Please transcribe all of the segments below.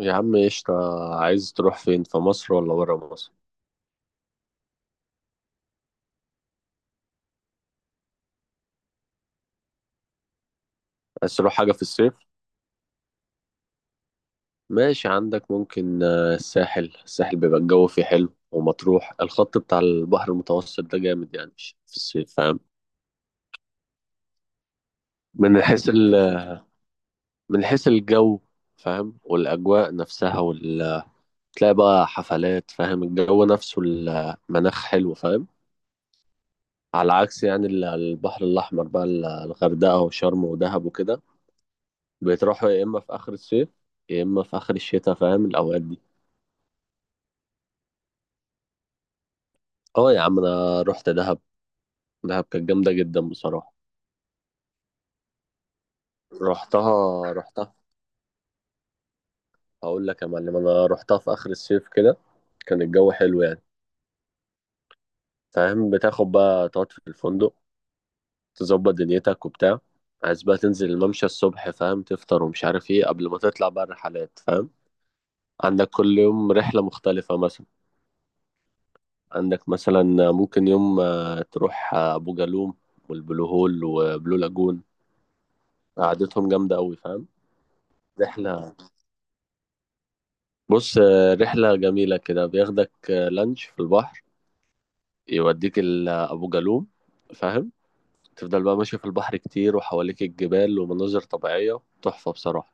يا عم قشطة. عايز تروح فين في مصر ولا برا مصر؟ عايز تروح حاجة في الصيف؟ ماشي عندك. ممكن الساحل بيبقى الجو فيه حلو، ومطروح، الخط بتاع البحر المتوسط ده جامد يعني في الصيف، فاهم؟ من حيث من حيث الجو فاهم، والأجواء نفسها تلاقي بقى حفلات فاهم، الجو نفسه المناخ حلو فاهم. على عكس يعني البحر الأحمر بقى، الغردقة وشرم ودهب وكده، بتروحوا يا اما في اخر الصيف يا اما في اخر الشتاء، فاهم؟ الاوقات دي. اه يا عم، انا رحت دهب. دهب كانت جامده جدا بصراحه. رحتها رحتها. هقول لك يا معلم، انا رحتها في اخر الصيف كده، كان الجو حلو يعني. فاهم، بتاخد بقى تقعد في الفندق، تظبط دنيتك وبتاع. عايز بقى تنزل الممشى الصبح، فاهم، تفطر ومش عارف ايه، قبل ما تطلع بقى الرحلات، فاهم؟ عندك كل يوم رحلة مختلفة مثلا. عندك مثلا ممكن يوم تروح أبو جالوم والبلو هول وبلو لاجون، قعدتهم جامدة أوي فاهم. رحلة، بص رحلة جميلة كده، بياخدك لانش في البحر، يوديك أبو جالوم، فاهم. تفضل بقى ماشي في البحر كتير، وحواليك الجبال ومناظر طبيعية تحفة بصراحة.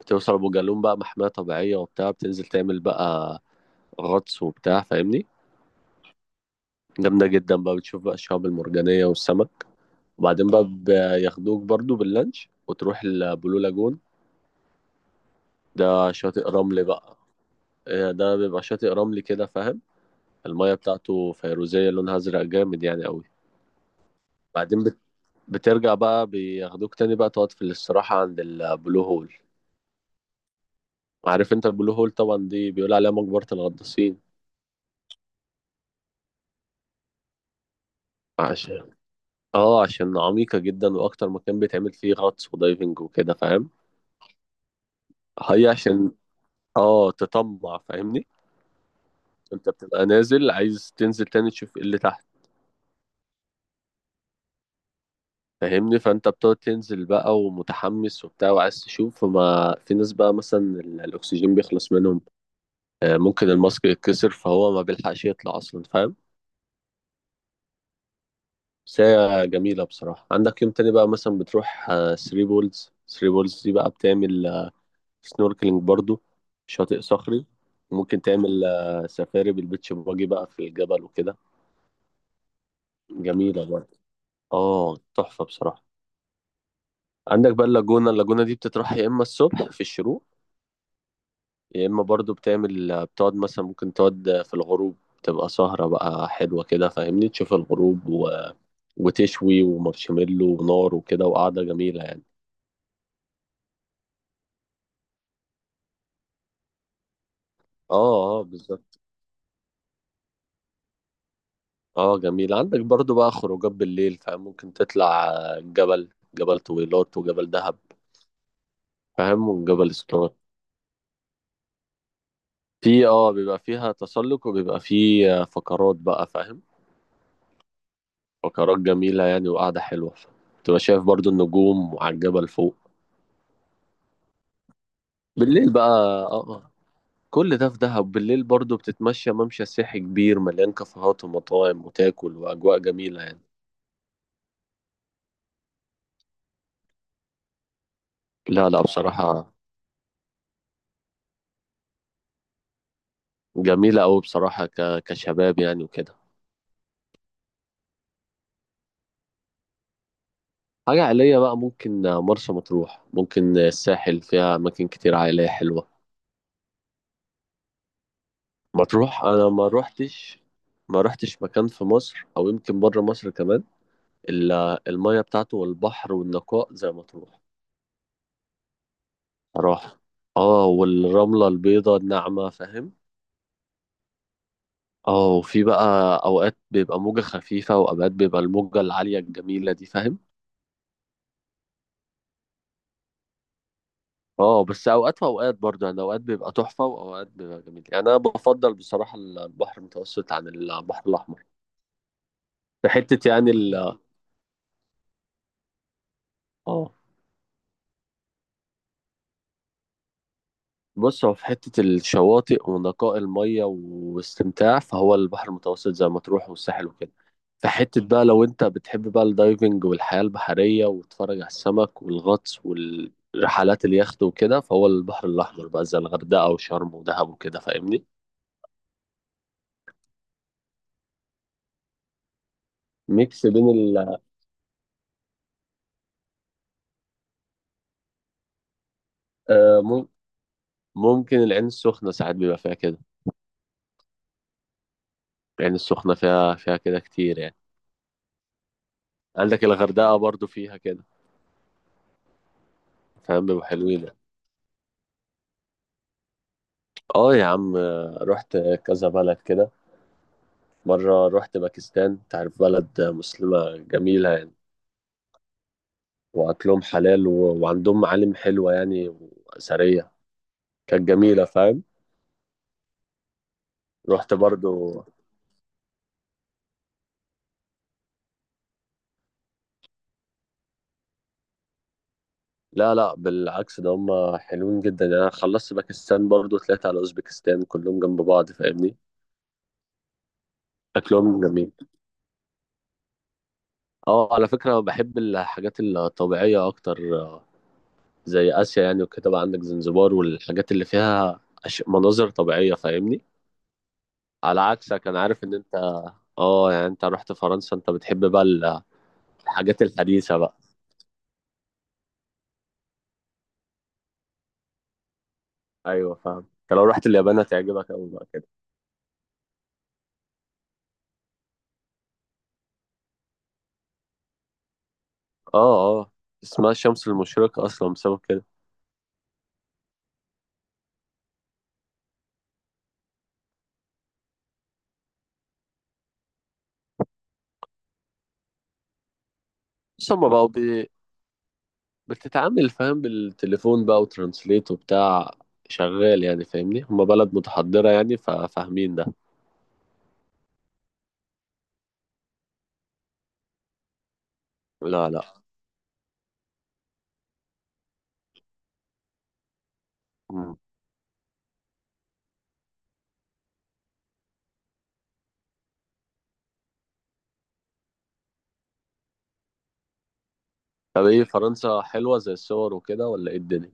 بتوصل أبو جالوم بقى، محمية طبيعية وبتاع، بتنزل تعمل بقى غطس وبتاع فاهمني. جامدة جدا بقى، بتشوف بقى الشعاب المرجانية والسمك، وبعدين بقى بياخدوك برضو باللانش وتروح البلو لاجون. ده شاطئ رمل بقى. ده بيبقى شاطئ رملي كده فاهم، المية بتاعته فيروزية لونها أزرق جامد يعني أوي. بعدين بترجع بقى، بياخدوك تاني بقى تقعد في الاستراحة عند البلو هول. عارف انت البلو هول طبعا دي بيقول عليها مقبرة الغطاسين. عشان، اه عشان عميقة جدا، وأكتر مكان بيتعمل فيه غطس ودايفنج وكده فاهم. هي عشان، اه تطمع فاهمني، انت بتبقى نازل عايز تنزل تاني تشوف ايه اللي تحت. فاهمني، فانت بتقعد تنزل بقى ومتحمس وبتاع وعايز تشوف، فما في ناس بقى مثلا الاكسجين بيخلص منهم. ممكن الماسك يتكسر فهو ما بيلحقش يطلع اصلا فاهم. بس هي جميله بصراحه. عندك يوم تاني بقى مثلا بتروح 3 بولز. 3 بولز دي بقى بتعمل سنوركلينج برضو، شاطئ صخري. ممكن تعمل سفاري بالبيتش باجي بقى في الجبل وكده، جميله برضه، اه تحفه بصراحه. عندك بقى اللاجونه، اللاجونه دي بتتراح يا اما الصبح في الشروق، يا اما برضو بتعمل بتقعد مثلا، ممكن تقعد في الغروب تبقى سهره بقى حلوه كده فاهمني، تشوف الغروب وتشوي ومارشميلو ونار وكده، وقعدة جميلة يعني. اه اه بالظبط. اه جميل، عندك برضو بقى خروجات بالليل فاهم، ممكن تطلع جبل، جبل طويلات وجبل دهب، فاهم، وجبل اسطنبول. في اه بيبقى فيها تسلق، وبيبقى فيه فقرات بقى فاهم، فقرات جميلة يعني وقعدة حلوة، تبقى شايف برضو النجوم وعلى الجبل فوق بالليل بقى. اه آه. كل ده في دهب. بالليل برضو بتتمشى ممشى سياحي كبير مليان كافيهات ومطاعم، وتاكل وأجواء جميلة يعني. لا لا بصراحة جميلة أوي بصراحة، كشباب يعني وكده. حاجة عائلية بقى، ممكن مرسى مطروح، ممكن الساحل، فيها أماكن كتير عائلية حلوة. مطروح أنا ما روحتش، ما روحتش مكان في مصر أو يمكن بره مصر كمان إلا المية بتاعته والبحر والنقاء زي مطروح. صراحة، اه، والرملة البيضاء الناعمة فاهم. اه، وفي بقى أوقات بيبقى موجة خفيفة، وأوقات بيبقى الموجة العالية الجميلة دي فاهم. اه بس اوقات واوقات برضه يعني، اوقات بيبقى تحفه واوقات بيبقى جميل يعني. انا بفضل بصراحه البحر المتوسط عن البحر الاحمر. في حته يعني اه. بص، هو في حته الشواطئ ونقاء الميه واستمتاع، فهو البحر المتوسط زي ما تروح والساحل وكده. في حته بقى لو انت بتحب بقى الدايفنج والحياه البحريه وتتفرج على السمك والغطس والرحلات اليخت وكده، فهو البحر الاحمر بقى زي الغردقه وشرم ودهب وكده فاهمني. ميكس بين ال ممكن العين السخنة ساعات بيبقى فيها كده. العين السخنة فيها كده كتير يعني. عندك الغردقة برضو فيها كده فاهم، بيبقوا حلوين يعني. اه يا عم، رحت كذا بلد كده. مرة رحت باكستان، تعرف بلد مسلمة جميلة يعني، وأكلهم حلال و... وعندهم معالم حلوة يعني وأثرية، كانت جميلة فاهم. رحت برضو، لا لا بالعكس، ده هم حلوين جدا يعني. أنا خلصت باكستان برضو طلعت على أوزبكستان، كلهم جنب بعض فاهمني. أكلهم جميل. اه، على فكرة بحب الحاجات الطبيعية أكتر، زي آسيا يعني وكده، بقى عندك زنزبار والحاجات اللي فيها مناظر طبيعية فاهمني. على عكسك أنا عارف إن أنت، اه يعني أنت رحت فرنسا، أنت بتحب بقى الحاجات الحديثة بقى. أيوه فاهم، أنت لو رحت اليابان هتعجبك أوي بقى كده. اه اه، اسمها الشمس المشرقة أصلا بسبب كده. ثم بقى بتتعامل فاهم بالتليفون بقى وترانسليت وبتاع، شغال يعني فاهمني، هما بلد متحضرة يعني ففاهمين ده. لا لا. مم. طب ايه، فرنسا حلوة زي الصور وكده ولا ايه الدنيا؟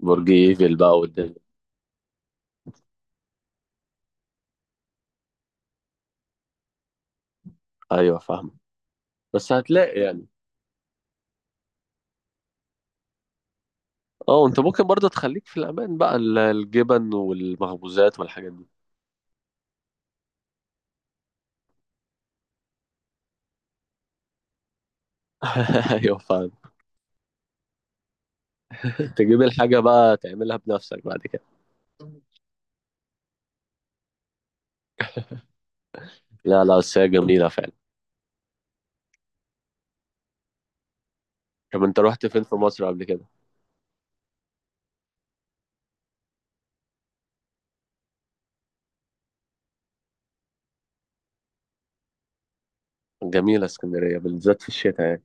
برج ايفل بقى والدنيا. ايوه فاهم. بس هتلاقي يعني، اه انت ممكن برضه تخليك في الامان بقى، الجبن والمخبوزات والحاجات دي. ايوه فاهم. تجيب الحاجة بقى تعملها بنفسك بعد كده. لا لا بس هي جميلة فعلا. طب انت رحت فين في مصر قبل كده؟ جميلة اسكندرية بالذات في الشتاء يعني.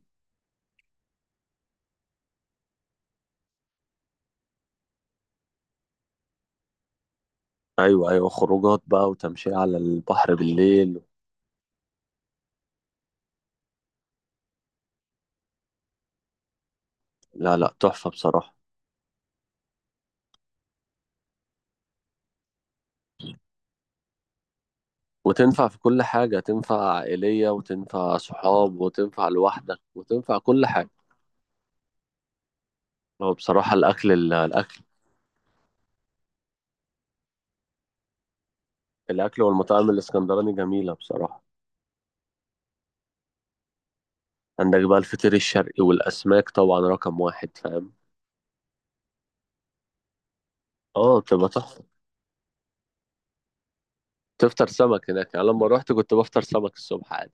ايوه ايوه، خروجات بقى وتمشية على البحر بالليل. لا لا تحفة بصراحة. وتنفع في كل حاجة، تنفع عائلية وتنفع صحاب وتنفع لوحدك وتنفع كل حاجة. هو بصراحة الأكل، الأكل، الأكل والمطاعم الإسكندراني جميلة بصراحة. عندك بقى الفطير الشرقي والأسماك طبعا رقم واحد فاهم. اه بتبقى تحفة، تفطر سمك هناك يعني. لما روحت كنت بفطر سمك الصبح عادي.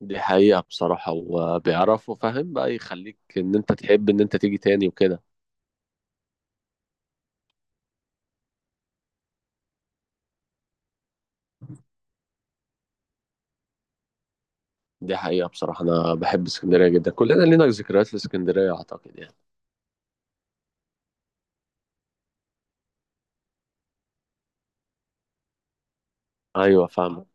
دي حقيقة بصراحة، وبيعرفوا فاهم بقى يخليك إن أنت تحب إن أنت تيجي تاني وكده. دي حقيقة بصراحة، أنا بحب اسكندرية جدا، كلنا لينا ذكريات في اسكندرية أعتقد يعني. أيوة فاهم.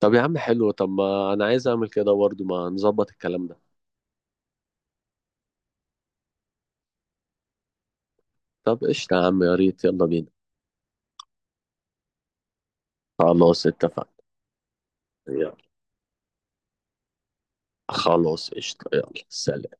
طب يا عم حلو، طب ما انا عايز اعمل كده برضه، ما نظبط الكلام ده. طب قشطة يا عم، يا ريت، يلا بينا. خلاص اتفقنا، يلا، خلاص قشطة، يلا سلام.